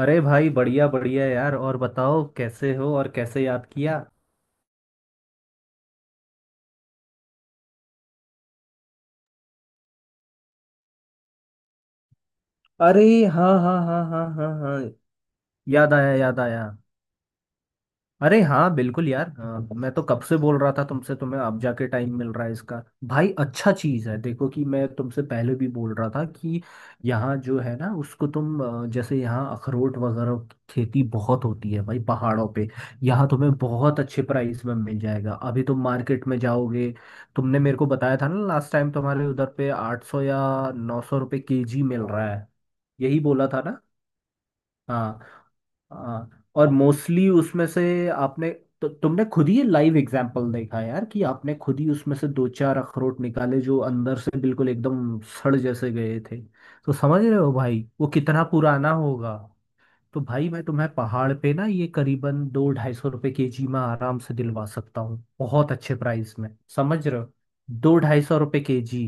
अरे भाई, बढ़िया बढ़िया यार। और बताओ कैसे हो और कैसे याद किया। अरे हाँ हाँ हाँ हाँ हाँ हाँ, याद आया याद आया। अरे हाँ बिल्कुल यार। मैं तो कब से बोल रहा था तुमसे, तुम्हें अब जाके टाइम मिल रहा है इसका। भाई अच्छा चीज़ है, देखो कि मैं तुमसे पहले भी बोल रहा था कि यहाँ जो है ना उसको तुम, जैसे यहाँ अखरोट वगैरह की खेती बहुत होती है भाई, पहाड़ों पे। यहाँ तुम्हें बहुत अच्छे प्राइस में मिल जाएगा। अभी तुम मार्केट में जाओगे, तुमने मेरे को बताया था ना लास्ट टाइम तुम्हारे उधर पे आठ सौ या नौ सौ रुपये के जी मिल रहा है। यही बोला था ना। हाँ हाँ। और मोस्टली उसमें से आपने, तो तुमने खुद ही लाइव एग्जाम्पल देखा यार कि आपने खुद ही उसमें से दो चार अखरोट निकाले जो अंदर से बिल्कुल एकदम सड़ जैसे गए थे। तो समझ रहे हो भाई वो कितना पुराना होगा। तो भाई मैं तुम्हें पहाड़ पे ना ये करीबन दो ढाई सौ रुपये के जी में आराम से दिलवा सकता हूँ, बहुत अच्छे प्राइस में। समझ रहे हो। दो ढाई सौ रुपये के जी।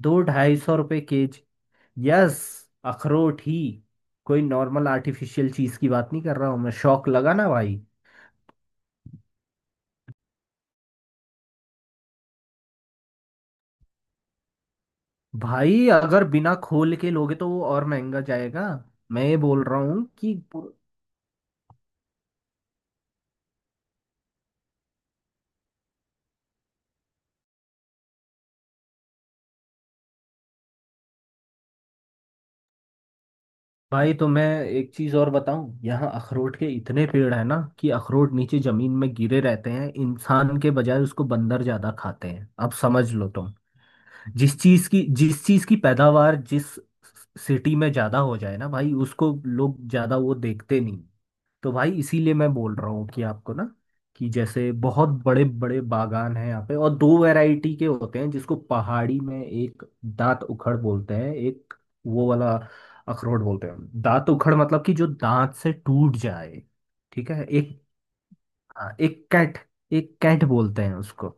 दो ढाई सौ रुपये के जी। यस, अखरोट ही। कोई नॉर्मल आर्टिफिशियल चीज की बात नहीं कर रहा हूँ मैं, शौक लगा ना भाई। भाई अगर बिना खोल के लोगे तो वो और महंगा जाएगा। मैं ये बोल रहा हूँ कि भाई तो मैं एक चीज और बताऊं, यहाँ अखरोट के इतने पेड़ है ना कि अखरोट नीचे जमीन में गिरे रहते हैं, इंसान के बजाय उसको बंदर ज्यादा खाते हैं, अब समझ लो तुम। जिस चीज की पैदावार जिस सिटी में ज्यादा हो जाए ना भाई, उसको लोग ज्यादा वो देखते नहीं। तो भाई इसीलिए मैं बोल रहा हूँ कि आपको ना, कि जैसे बहुत बड़े बड़े बागान हैं यहाँ पे, और दो वैरायटी के होते हैं, जिसको पहाड़ी में एक दांत उखड़ बोलते हैं, एक वो वाला अखरोट बोलते हैं। दांत उखड़ मतलब कि जो दांत से टूट जाए। ठीक है। एक, हाँ, एक कैट बोलते हैं उसको।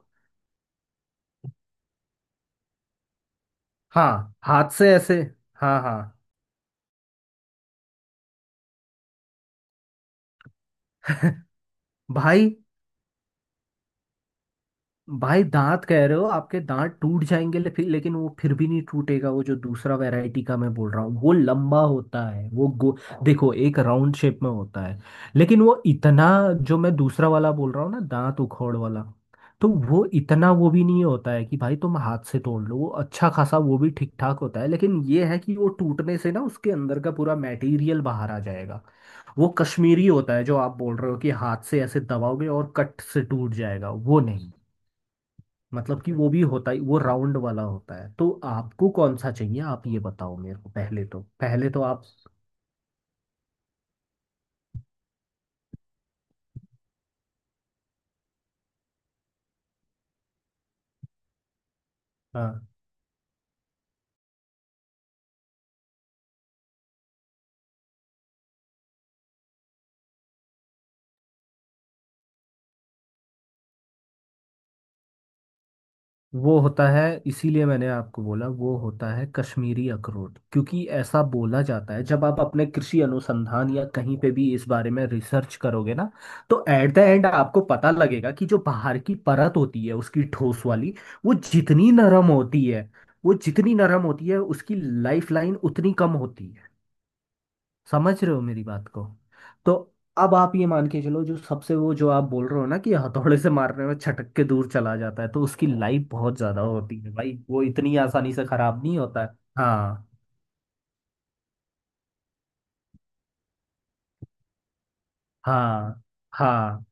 हाँ हाथ से ऐसे। हाँ हाँ। भाई, भाई दांत कह रहे हो, आपके दांत टूट जाएंगे फिर, लेकिन वो फिर भी नहीं टूटेगा। वो जो दूसरा वैरायटी का मैं बोल रहा हूँ वो लंबा होता है, वो गो देखो एक राउंड शेप में होता है, लेकिन वो इतना, जो मैं दूसरा वाला बोल रहा हूँ ना, दांत उखोड़ वाला, तो वो इतना वो भी नहीं होता है कि भाई तुम हाथ से तोड़ लो। वो अच्छा खासा वो भी ठीक ठाक होता है, लेकिन ये है कि वो टूटने से ना उसके अंदर का पूरा मटेरियल बाहर आ जाएगा। वो कश्मीरी होता है जो आप बोल रहे हो कि हाथ से ऐसे दबाओगे और कट से टूट जाएगा, वो नहीं। मतलब कि वो भी होता है, वो राउंड वाला होता है। तो आपको कौन सा चाहिए, आप ये बताओ मेरे को पहले तो आप। हाँ वो होता है, इसीलिए मैंने आपको बोला। वो होता है कश्मीरी अखरोट, क्योंकि ऐसा बोला जाता है जब आप अपने कृषि अनुसंधान या कहीं पे भी इस बारे में रिसर्च करोगे ना, तो एट द एंड आपको पता लगेगा कि जो बाहर की परत होती है उसकी, ठोस वाली, वो जितनी नरम होती है वो जितनी नरम होती है उसकी लाइफ लाइन उतनी कम होती है। समझ रहे हो मेरी बात को। तो अब आप ये मान के चलो, जो सबसे वो जो आप बोल रहे हो ना कि हथौड़े से मारने में छटक के दूर चला जाता है, तो उसकी लाइफ बहुत ज्यादा होती है भाई, वो इतनी आसानी से खराब नहीं होता है। हाँ हाँ हाँ।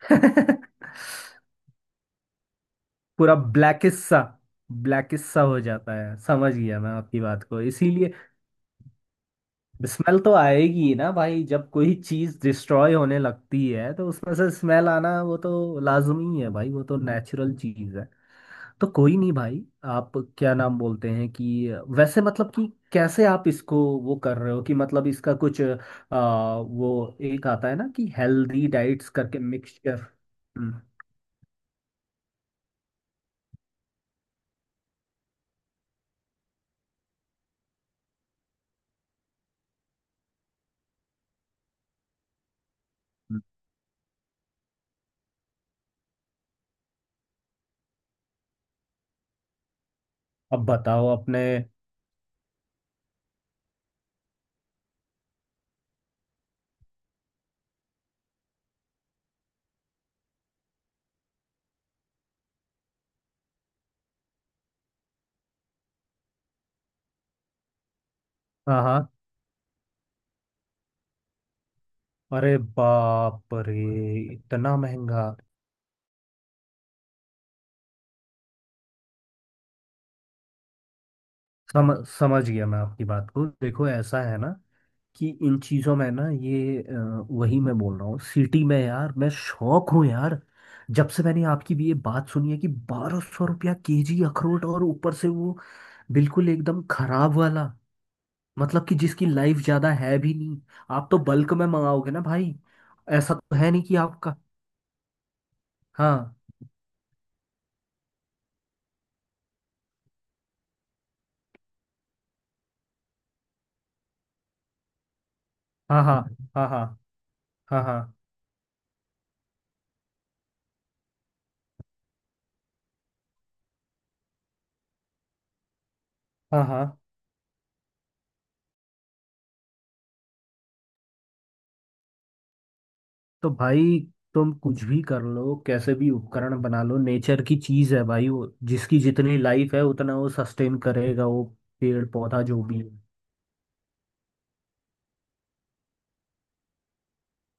पूरा ब्लैकिश सा हो जाता है, समझ गया मैं आपकी बात को, इसीलिए। स्मेल तो आएगी ही ना भाई, जब कोई चीज डिस्ट्रॉय होने लगती है तो उसमें से स्मेल आना, वो तो लाजमी है भाई, वो तो नेचुरल चीज है। तो कोई नहीं भाई। आप क्या नाम बोलते हैं कि, वैसे मतलब कि कैसे आप इसको वो कर रहे हो कि, मतलब इसका कुछ वो एक आता है ना कि हेल्दी डाइट्स करके मिक्सचर। हम्म। हम्म। अब बताओ अपने। हाँ हाँ। अरे बाप रे, इतना महंगा। सम समझ गया मैं आपकी बात को। देखो ऐसा है ना कि इन चीज़ों में ना, ये वही मैं बोल रहा हूँ, सिटी में यार मैं शौक हूँ यार। जब से मैंने आपकी भी ये बात सुनी है कि बारह सौ रुपया केजी अखरोट, और ऊपर से वो बिल्कुल एकदम खराब वाला, मतलब कि जिसकी लाइफ ज़्यादा है भी नहीं। आप तो बल्क में मंगाओगे ना भाई, ऐसा तो है नहीं कि आपका। हाँ हाँ। हाँ हाँ। हाँ हाँ। हाँ हाँ हाँ। तो भाई तुम कुछ भी कर लो, कैसे भी उपकरण बना लो, नेचर की चीज है भाई, वो जिसकी जितनी लाइफ है उतना वो सस्टेन करेगा। वो पेड़ पौधा जो भी है,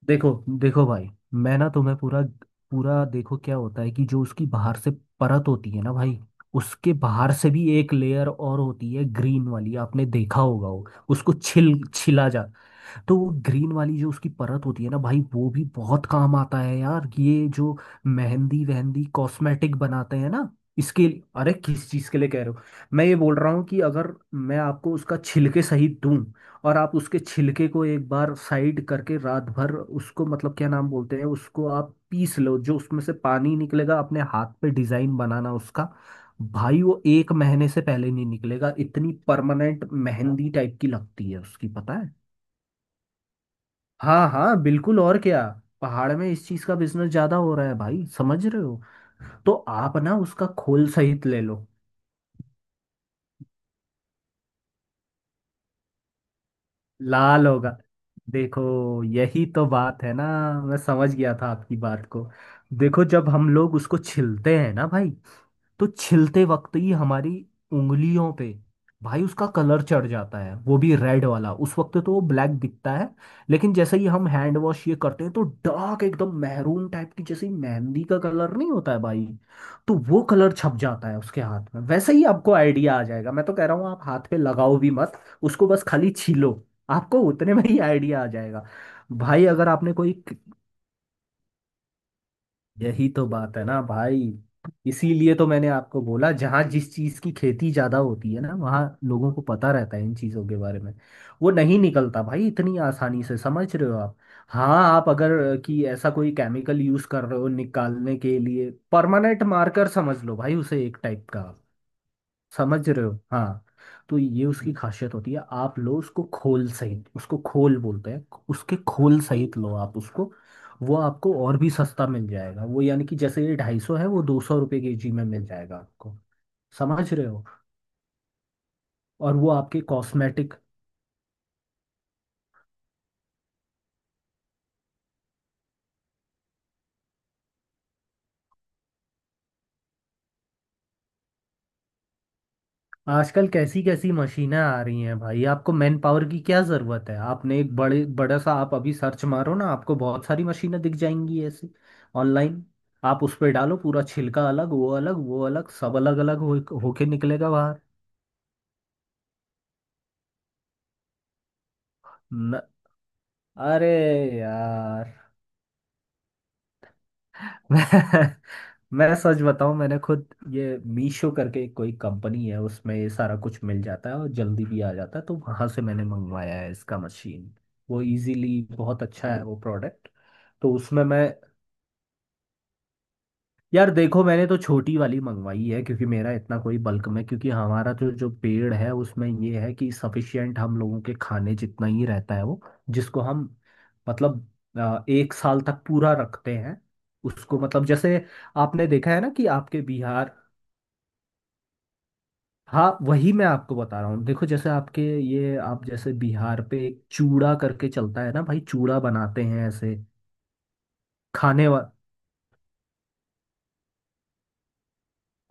देखो, देखो भाई, मैं ना तुम्हें पूरा पूरा देखो क्या होता है कि जो उसकी बाहर से परत होती है ना भाई, उसके बाहर से भी एक लेयर और होती है, ग्रीन वाली, आपने देखा होगा वो, उसको छिल छिला जा। तो वो ग्रीन वाली जो उसकी परत होती है ना भाई, वो भी बहुत काम आता है यार। ये जो मेहंदी वहंदी कॉस्मेटिक बनाते हैं ना, इसके। अरे किस चीज के लिए कह रहे हो, मैं ये बोल रहा हूँ कि अगर मैं आपको उसका छिलके सहित दूं, और आप उसके छिलके को एक बार साइड करके रात भर उसको, मतलब क्या नाम बोलते हैं, उसको आप पीस लो, जो उसमें से पानी निकलेगा, अपने हाथ पे डिजाइन बनाना उसका। भाई वो एक महीने से पहले नहीं निकलेगा, इतनी परमानेंट मेहंदी टाइप की लगती है उसकी, पता है। हाँ हाँ बिल्कुल, और क्या। पहाड़ में इस चीज का बिजनेस ज्यादा हो रहा है भाई, समझ रहे हो। तो आप ना उसका खोल सहित ले लो। लाल होगा, देखो यही तो बात है ना, मैं समझ गया था आपकी बात को। देखो जब हम लोग उसको छिलते हैं ना भाई, तो छिलते वक्त ही हमारी उंगलियों पे, भाई उसका कलर चढ़ जाता है, वो भी रेड वाला, उस वक्त तो वो ब्लैक दिखता है, लेकिन जैसे ही हम हैंड वॉश ये करते हैं तो डार्क एकदम मैरून टाइप की, जैसे मेहंदी का कलर नहीं होता है भाई, तो वो कलर छप जाता है उसके हाथ में, वैसे ही आपको आइडिया आ जाएगा। मैं तो कह रहा हूँ आप हाथ पे लगाओ भी मत, उसको बस खाली छीलो, आपको उतने में ही आइडिया आ जाएगा। भाई अगर आपने कोई, यही तो बात है ना भाई, इसीलिए तो मैंने आपको बोला, जहाँ जिस चीज़ की खेती ज़्यादा होती है ना, वहाँ लोगों को पता रहता है इन चीज़ों के बारे में। वो नहीं निकलता भाई इतनी आसानी से, समझ रहे हो आप। हाँ, आप अगर कि ऐसा कोई केमिकल यूज़ कर रहे हो निकालने के लिए, परमानेंट मार्कर समझ लो भाई उसे, एक टाइप का। समझ रहे हो। हाँ, तो ये उसकी खासियत होती है। आप लो उसको खोल सहित, उसको खोल बोलते हैं, उसके खोल सहित लो आप उसको, वो आपको और भी सस्ता मिल जाएगा वो। यानी कि जैसे ये ढाई सौ है, वो दो सौ रुपये के जी में मिल जाएगा आपको। समझ रहे हो। और वो आपके कॉस्मेटिक। आजकल कैसी कैसी मशीनें आ रही हैं भाई, आपको मैन पावर की क्या ज़रूरत है। आपने एक बड़े, बड़ा सा, आप अभी सर्च मारो ना, आपको बहुत सारी मशीनें दिख जाएंगी ऐसी, ऑनलाइन। आप उस पर डालो, पूरा छिलका अलग, वो अलग, वो अलग, सब अलग अलग हो होके निकलेगा बाहर। न, अरे यार। मैं सच बताऊं, मैंने खुद ये मीशो करके कोई कंपनी है, उसमें ये सारा कुछ मिल जाता है और जल्दी भी आ जाता है, तो वहां से मैंने मंगवाया है इसका मशीन। वो इजीली बहुत अच्छा है वो प्रोडक्ट। तो उसमें मैं, यार देखो मैंने तो छोटी वाली मंगवाई है क्योंकि मेरा इतना कोई बल्क में, क्योंकि हमारा जो जो पेड़ है उसमें ये है कि सफिशियंट हम लोगों के खाने जितना ही रहता है वो, जिसको हम मतलब, एक साल तक पूरा रखते हैं उसको, मतलब जैसे आपने देखा है ना कि आपके बिहार। हाँ वही मैं आपको बता रहा हूँ, देखो जैसे आपके ये, आप जैसे बिहार पे एक चूड़ा करके चलता है ना भाई, चूड़ा बनाते हैं ऐसे खाने वा।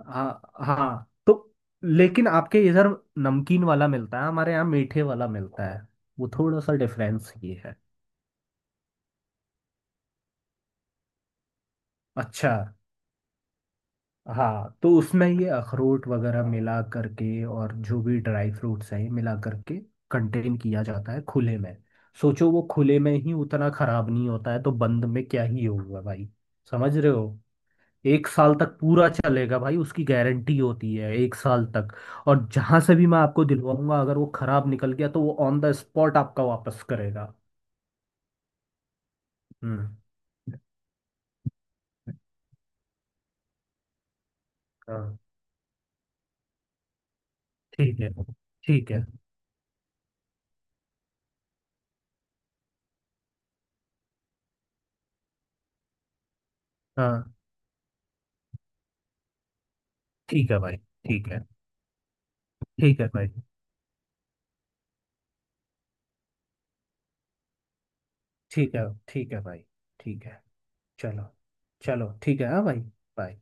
हाँ हाँ, तो लेकिन आपके इधर नमकीन वाला मिलता है, हमारे यहाँ मीठे वाला मिलता है, वो थोड़ा सा डिफरेंस ये है। अच्छा। हाँ तो उसमें ये अखरोट वगैरह मिला करके और जो भी ड्राई फ्रूट्स हैं मिला करके कंटेन किया जाता है खुले में। सोचो वो खुले में ही उतना खराब नहीं होता है तो बंद में क्या ही होगा भाई, समझ रहे हो। एक साल तक पूरा चलेगा भाई, उसकी गारंटी होती है एक साल तक। और जहां से भी मैं आपको दिलवाऊंगा, अगर वो खराब निकल गया तो वो ऑन द स्पॉट आपका वापस करेगा। हम्म। हाँ ठीक है। ठीक है हाँ। ठीक है भाई ठीक है। ठीक है भाई ठीक है। ठीक है भाई ठीक है। चलो, चलो ठीक है, हाँ भाई, बाय।